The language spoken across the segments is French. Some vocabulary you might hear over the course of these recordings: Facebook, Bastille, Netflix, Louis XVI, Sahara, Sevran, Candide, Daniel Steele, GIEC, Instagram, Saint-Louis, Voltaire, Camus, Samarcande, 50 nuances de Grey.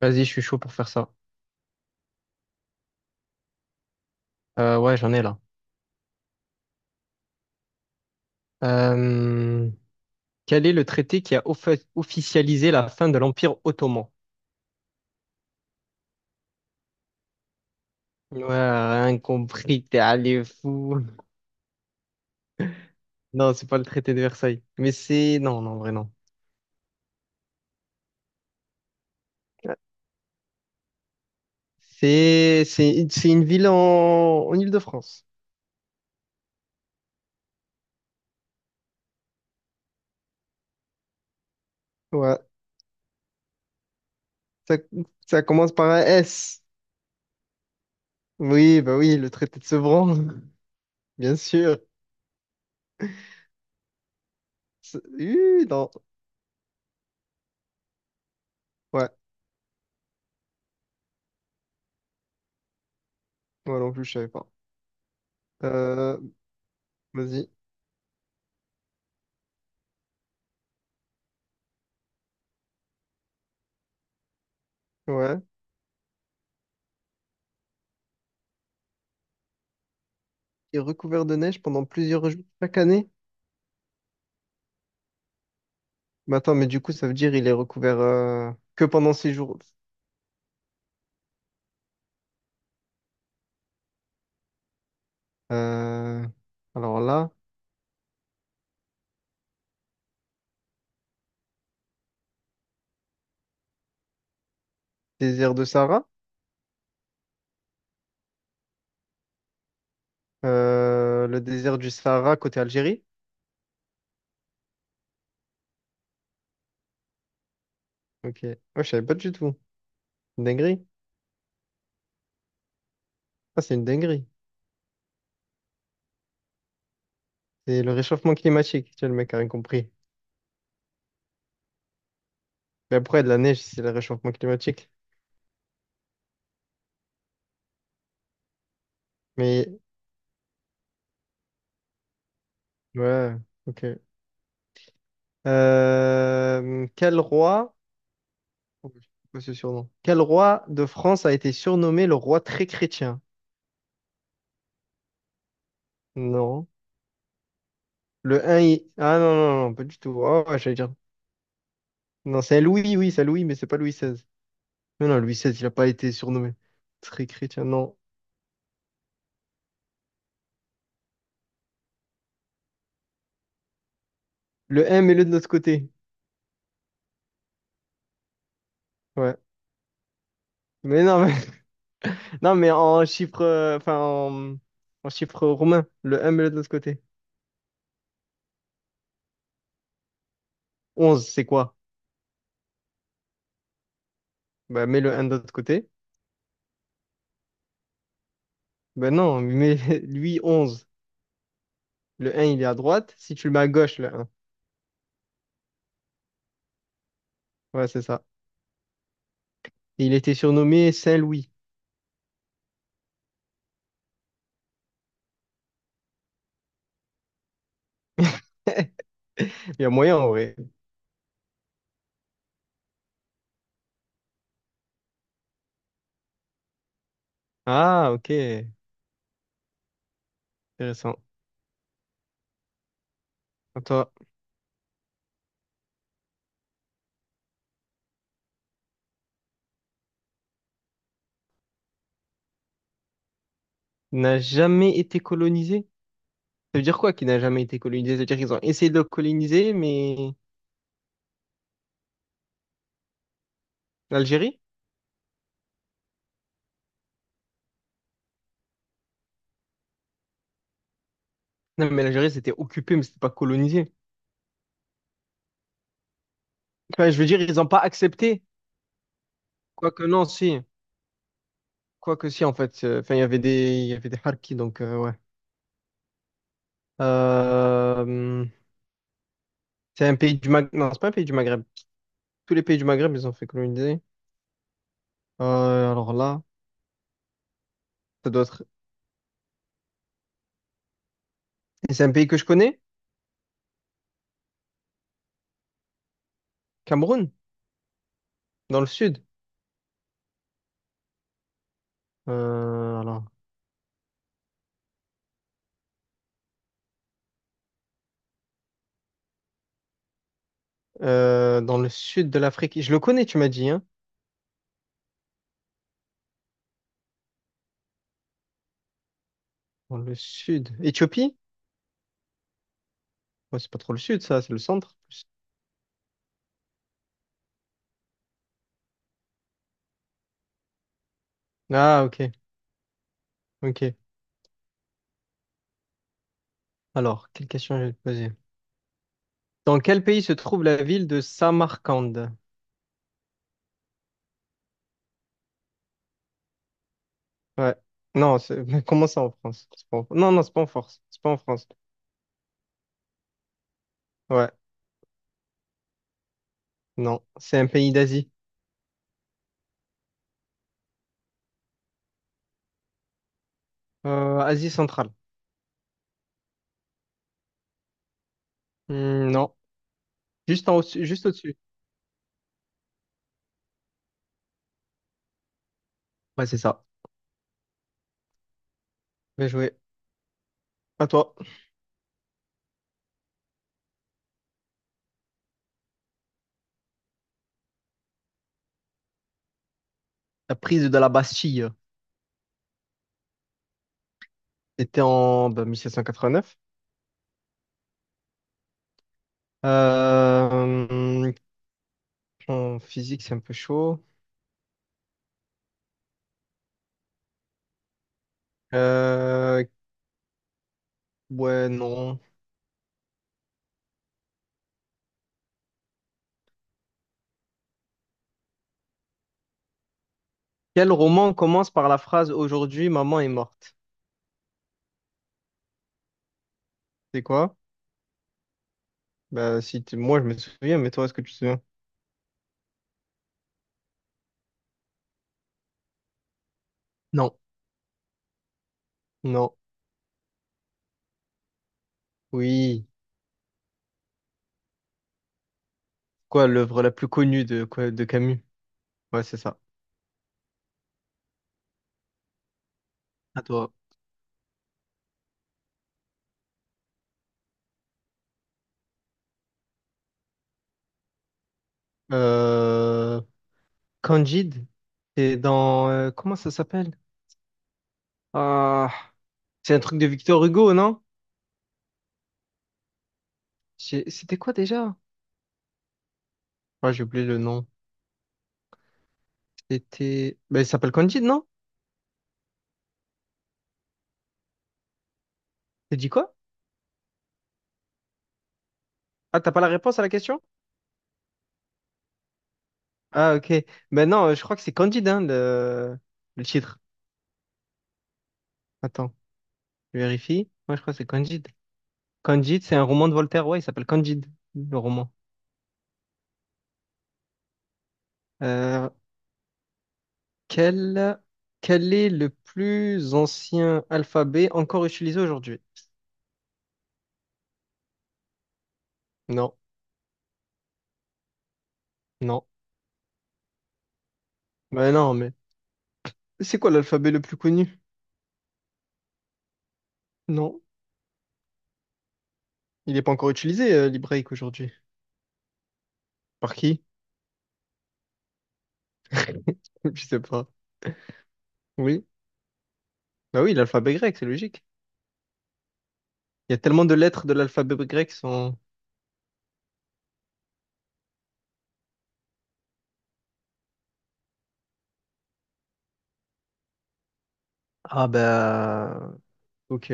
Vas-y, je suis chaud pour faire ça. Ouais, j'en ai là. Euh, Quel est le traité qui officialisé la fin de l'Empire ottoman? Ouais, rien compris, t'es allé fou. Non, c'est pas le traité de Versailles. Mais c'est... Non, non, en vrai, non. C'est une ville en Île-de-France. Ouais. Ça, Ça commence par un S. Oui, bah oui, le traité de Sevran. Bien sûr. Non. Ouais. Moi non plus, je savais pas. Euh, Vas-y. Ouais. Est recouvert de neige pendant plusieurs jours chaque année. Mais attends, mais du coup, ça veut dire il est recouvert que pendant six jours. Euh, alors là, Désert de Sahara, le désert du Sahara côté Algérie. Ok, moi je savais pas du tout. Une dinguerie. Ah, c'est une dinguerie. C'est le réchauffement climatique. Tu vois, le mec a rien compris. Mais après, de la neige, c'est le réchauffement climatique. Mais ouais, ok. Quel roi, oh, je sais pas ce surnom. Quel roi de France a été surnommé le roi très chrétien? Non. Le un, il... Ah non, non, non, pas du tout. Oh, ouais, j'allais dire. Non, c'est Louis, oui, c'est Louis, mais c'est pas Louis XVI. Non, non, Louis XVI, il n'a pas été surnommé. Très chrétien, non. Le un mets-le de notre côté. Ouais. Mais non, mais, non, mais en chiffre, en chiffre romain, le un mets-le de notre côté. Onze c'est quoi? Bah, mets le un de l'autre côté. Ben non, mais lui, onze. Le un il est à droite. Si tu le mets à gauche, le 1. Ouais, c'est ça. Et il était surnommé Saint-Louis. Il y a moyen, en vrai. Ah, ok. Intéressant. À toi, n'a jamais été colonisé? Ça veut dire quoi qui n'a jamais été colonisé? Ça veut dire qu'ils ont essayé de le coloniser, mais l'Algérie? Non, mais l'Algérie, c'était occupé, mais c'était pas colonisé. Enfin, je veux dire, ils n'ont pas accepté. Quoique non, si. Quoique si, en fait. Enfin, il y avait il y avait des Harkis, donc ouais. Euh, c'est un pays du Maghreb. Non, c'est pas un pays du Maghreb. Tous les pays du Maghreb, ils ont fait coloniser. Euh, alors là, ça doit être. Et c'est un pays que je connais? Cameroun, dans le sud. Euh, alors. Dans le sud de l'Afrique. Je le connais, tu m'as dit, hein? Dans le sud. Éthiopie? Ouais, c'est pas trop le sud, ça, c'est le centre. Ah, ok, ok. Alors, quelle question je vais te poser? Dans quel pays se trouve la ville de Samarcande? Ouais. Non, c'est- comment ça en France? C'est pas en- Non, non, c'est pas en France. C'est pas en France. Ouais. Non, c'est un pays d'Asie. Asie centrale. Hmm, non. Juste en au dessus juste au-dessus. Ouais, c'est ça. Bien joué. À toi. La prise de la Bastille. C'était en bah, 1789. Euh, En physique, c'est un peu chaud. Euh, ouais, non. Quel roman commence par la phrase aujourd'hui, maman est morte? C'est quoi? Bah, si tu- moi, je me souviens, mais toi, est-ce que tu te souviens? Non. Non. Oui. Quoi, l'œuvre la plus connue de, quoi, de Camus? Ouais, c'est ça. À toi. Euh, Candide, c'est dans... comment ça s'appelle? Ah, c'est un truc de Victor Hugo, non? J'ai- C'était quoi déjà? Ouais, j'ai oublié le nom. C'était... Bah, il s'appelle Candide, non? T'as dit quoi? Ah, t'as pas la réponse à la question? Ah, ok. Ben non, je crois que c'est Candide, hein, le titre. Attends, je vérifie. Moi, je crois que c'est Candide. Candide, c'est un roman de Voltaire. Ouais, il s'appelle Candide, le roman. Euh, quel... Quel est le plus ancien alphabet encore utilisé aujourd'hui? Non, non. Ben non, mais c'est quoi l'alphabet le plus connu? Non, il n'est pas encore utilisé, l'hébraïque aujourd'hui. Par qui? Je sais pas. Oui. Bah oui, l'alphabet grec, c'est logique. Il y a tellement de lettres de l'alphabet grec qui sont... Ah bah ok,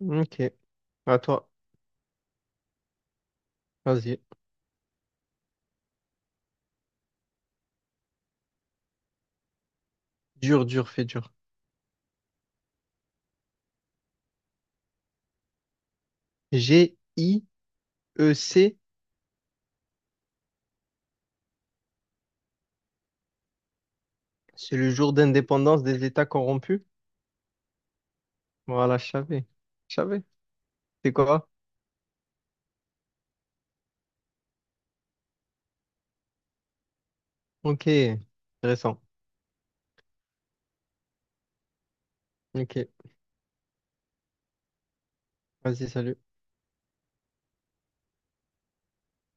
ok, à toi, vas-y. Dur, dur, fait dur. GIEC, c'est le jour d'indépendance des États corrompus. Voilà, je savais. Je savais. C'est quoi? Ok, intéressant. Ok, vas-y, salut.